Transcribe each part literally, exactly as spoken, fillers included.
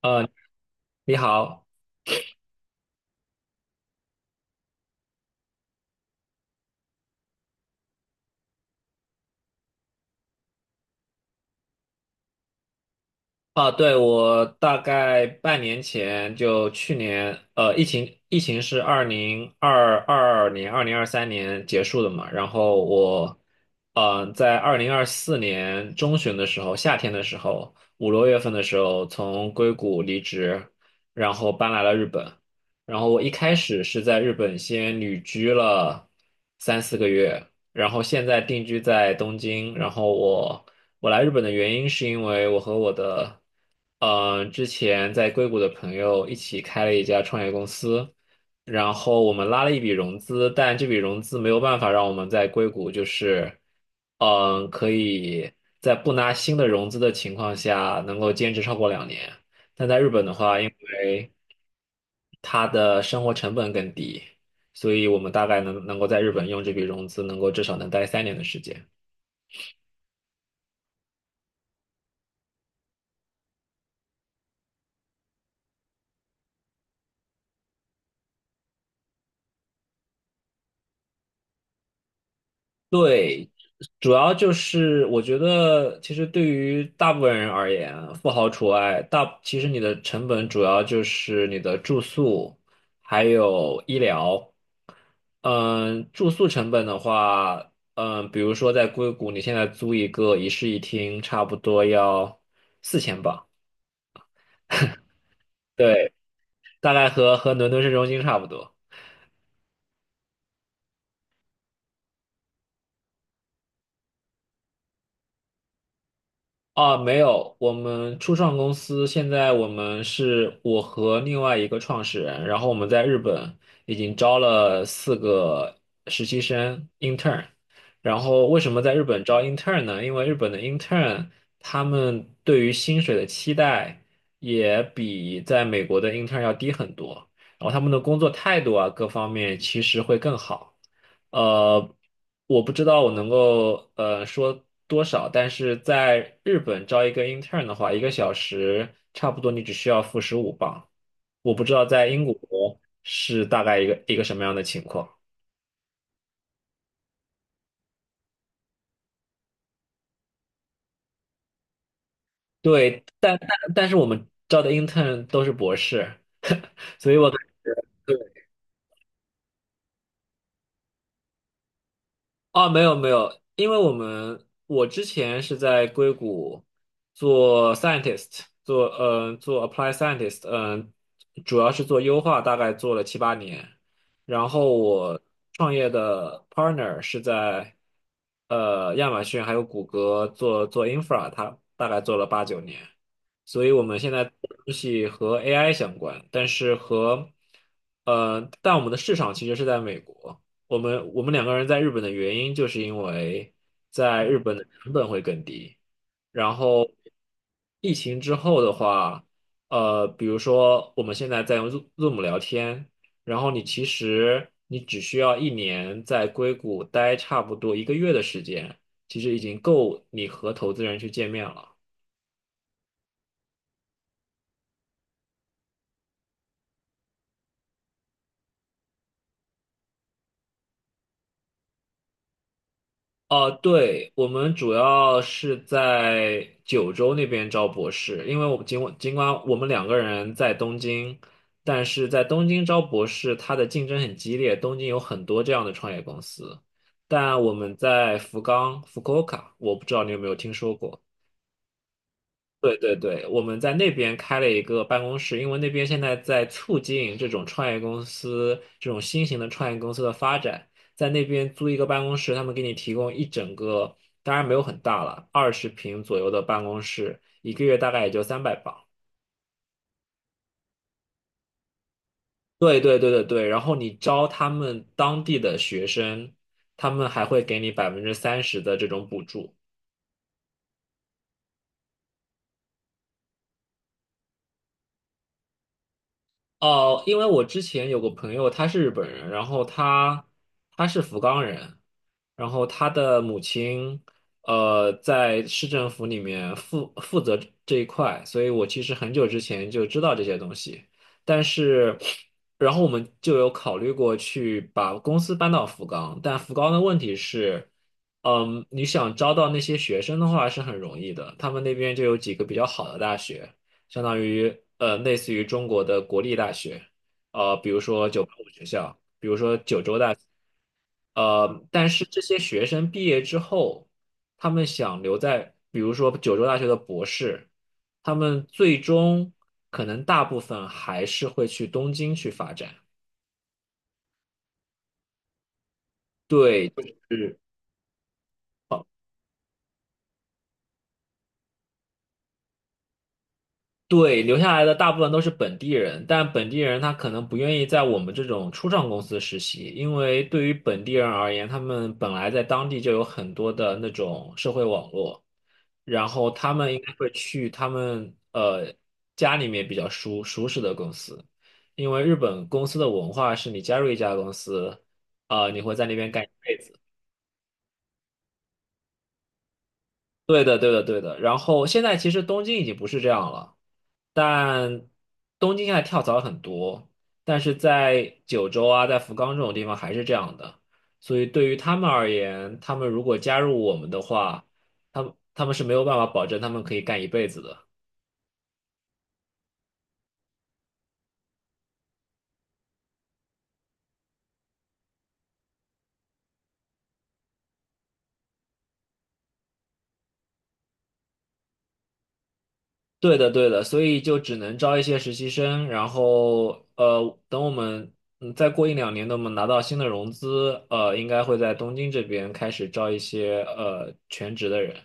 呃，你好。啊，对，我大概半年前就去年，呃，疫情疫情是二零二二年、二零二三年结束的嘛，然后我，呃，在二零二四年中旬的时候，夏天的时候，五六月份的时候，从硅谷离职，然后搬来了日本，然后我一开始是在日本先旅居了三四个月。然后现在定居在东京。然后我我来日本的原因是因为我和我的嗯之前在硅谷的朋友一起开了一家创业公司，然后我们拉了一笔融资，但这笔融资没有办法让我们在硅谷就是嗯、呃可以在不拿新的融资的情况下能够坚持超过两年。但在日本的话，因为它的生活成本更低，所以我们大概能能够在日本用这笔融资，能够至少能待三年的时间。对，主要就是我觉得，其实对于大部分人而言，富豪除外，大其实你的成本主要就是你的住宿，还有医疗。嗯，住宿成本的话，嗯，比如说在硅谷，你现在租一个一室一厅，差不多要四千镑。对，大概和和伦敦市中心差不多。啊，没有，我们初创公司，现在我们是我和另外一个创始人，然后我们在日本已经招了四个实习生 intern。然后为什么在日本招 intern 呢？因为日本的 intern 他们对于薪水的期待也比在美国的 intern 要低很多。然后他们的工作态度啊，各方面其实会更好。呃，我不知道我能够呃说多少，但是在日本招一个 intern 的话，一个小时差不多你只需要付十五磅。我不知道在英国是大概一个一个什么样的情况。对，但但但是我们招的 intern 都是博士，啊，没有没有，因为我们我之前是在硅谷做 scientist，做呃做 apply scientist，嗯、主要是做优化，大概做了七八年。然后我创业的 partner 是在呃亚马逊还有谷歌做做 infra，他大概做了八九年。所以我们现在做的东西和 A I 相关，但是和呃，但我们的市场其实是在美国。我们我们两个人在日本的原因，就是因为在日本的成本会更低。然后疫情之后的话，呃，比如说我们现在在用 Zo- Zoom 聊天，然后你其实你只需要一年在硅谷待差不多一个月的时间，其实已经够你和投资人去见面了。哦，对，我们主要是在九州那边招博士，因为我们尽管尽管我们两个人在东京，但是在东京招博士，它的竞争很激烈，东京有很多这样的创业公司，但我们在福冈福 u 我不知道你有没有听说过。对对对，我们在那边开了一个办公室，因为那边现在在促进这种创业公司、这种新型的创业公司的发展，在那边租一个办公室，他们给你提供一整个，当然没有很大了，二十平左右的办公室，一个月大概也就三百磅。对对对对对，然后你招他们当地的学生，他们还会给你百分之三十的这种补助。哦，因为我之前有个朋友，他是日本人，然后他他是福冈人，然后他的母亲呃在市政府里面负负责这一块，所以我其实很久之前就知道这些东西，但是然后我们就有考虑过去把公司搬到福冈，但福冈的问题是，嗯，你想招到那些学生的话是很容易的，他们那边就有几个比较好的大学。相当于呃类似于中国的国立大学，呃，比如说九八五学校，呃，但是这些学生毕业之后，他们想留在，比如说九州大学的博士，他们最终可能大部分还是会去东京去发展。对，就是。对，留下来的大部分都是本地人，但本地人他可能不愿意在我们这种初创公司实习，因为对于本地人而言，他们本来在当地就有很多的那种社会网络，然后他们应该会去他们呃家里面比较熟舒适的公司，因为日本公司的文化是你加入一家公司，呃，你会在那边干一辈子。对的，对的，对的。然后现在其实东京已经不是这样了，但东京现在跳槽很多，但是在九州啊，在福冈这种地方还是这样的。所以对于他们而言，他们如果加入我们的话，他们他们是没有办法保证他们可以干一辈子的。对的，对的，所以就只能招一些实习生，然后呃，等我们嗯再过一两年，等我们拿到新的融资，呃，应该会在东京这边开始招一些呃全职的人。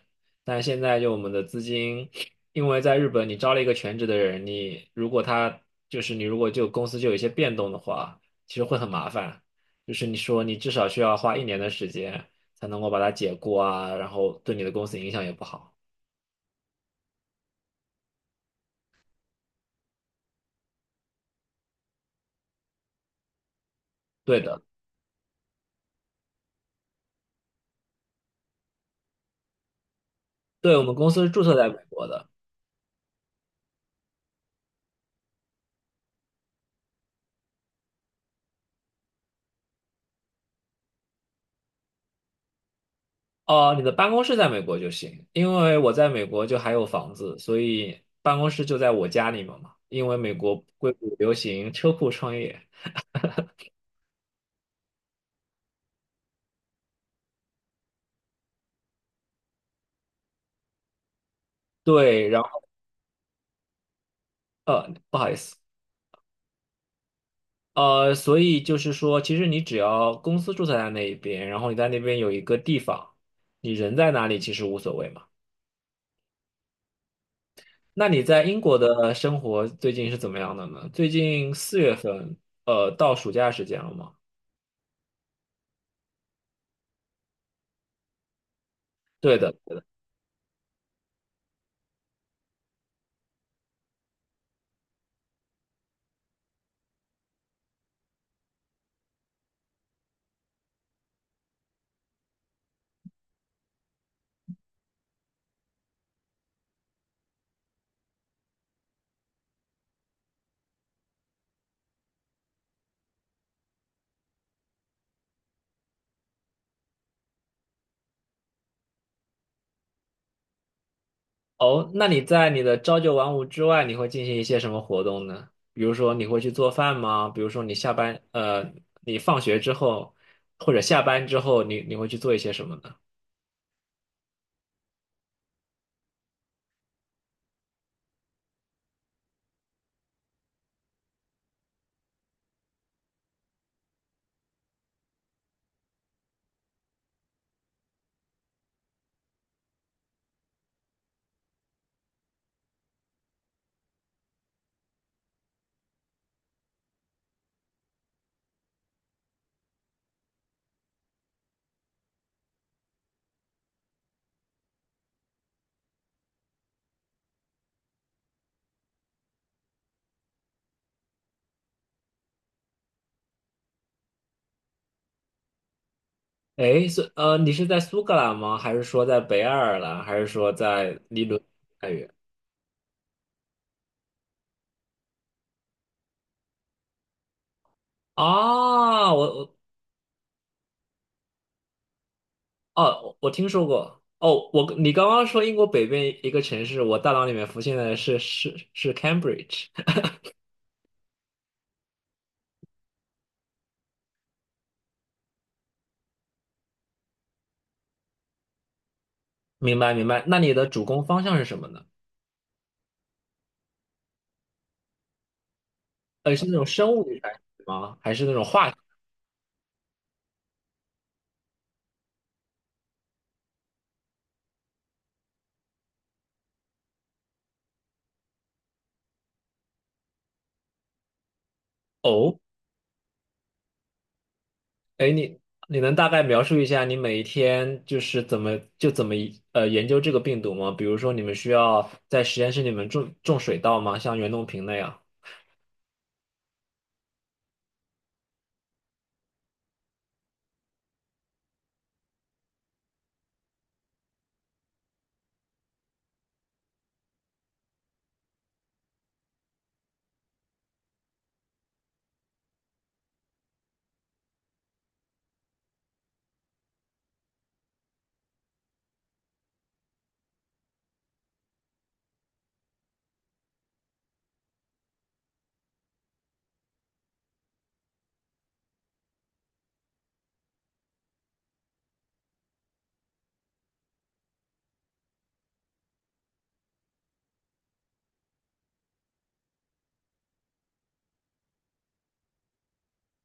但现在就我们的资金，因为在日本你招了一个全职的人，你如果他就是你如果就公司就有一些变动的话，其实会很麻烦。就是你说你至少需要花一年的时间才能够把它解雇啊，然后对你的公司影响也不好。对的。对，我们公司是注册在美国的。哦，你的办公室在美国就行，因为我在美国就还有房子，所以办公室就在我家里面嘛。因为美国硅谷流行车库创业，对，然后呃，不好意思，呃，所以就是说，其实你只要公司注册在那一边，然后你在那边有一个地方，你人在哪里其实无所谓嘛。那你在英国的生活最近是怎么样的呢？最近四月份，呃，到暑假时间了吗？对的。哦，那你在你的朝九晚五之外，你会进行一些什么活动呢？比如说你会去做饭吗？比如说你下班，呃，你放学之后或者下班之后，你你会去做一些什么呢？诶，是呃，你是在苏格兰吗？还是说在北爱尔兰？还是说在离伦敦太远？啊，我我哦，我我听说过。哦，我你刚刚说英国北边一个城市，我大脑里面浮现的是是是 Cambridge。明白明白。那你的主攻方向是什么呢？呃，是那种生物遗传史吗？还是那种化学？哦，哎，你你能大概描述一下你每一天就是怎么就怎么呃研究这个病毒吗？比如说你们需要在实验室里面种种水稻吗？像袁隆平那样？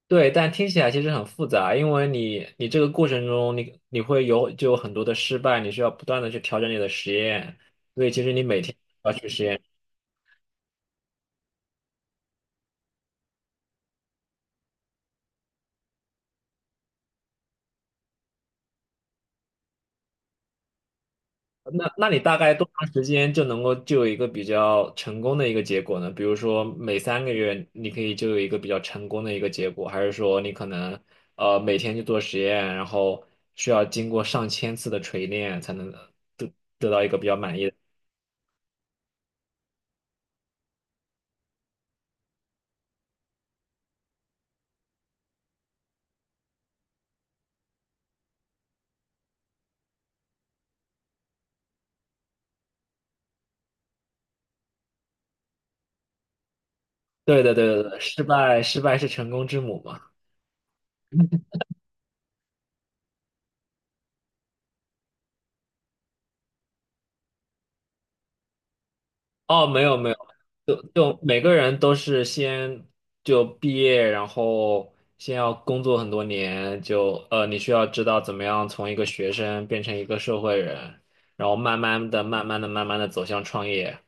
对，但听起来其实很复杂，因为你你这个过程中你你会有就有很多的失败，你需要不断的去调整你的实验，所以其实你每天都要去实验。那那你大概多长时间就能够就有一个比较成功的一个结果呢？比如说每三个月你可以就有一个比较成功的一个结果，还是说你可能呃每天去做实验，然后需要经过上千次的锤炼才能得得到一个比较满意的？对对对对对，失败失败是成功之母嘛。哦，没有没有，就就每个人都是先就毕业，然后先要工作很多年，就呃，你需要知道怎么样从一个学生变成一个社会人，然后慢慢的、慢慢的、慢慢的走向创业。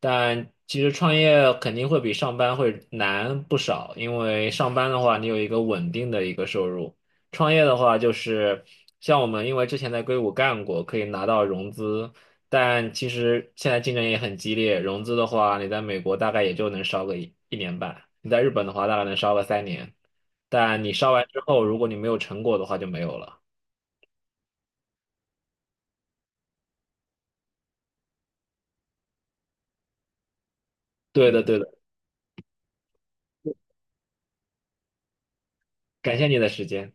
但其实创业肯定会比上班会难不少，因为上班的话你有一个稳定的一个收入，创业的话就是像我们因为之前在硅谷干过，可以拿到融资。但其实现在竞争也很激烈，融资的话，你在美国大概也就能烧个一一年半，你在日本的话大概能烧个三年，但你烧完之后，如果你没有成果的话就没有了。对的，对的，感谢你的时间。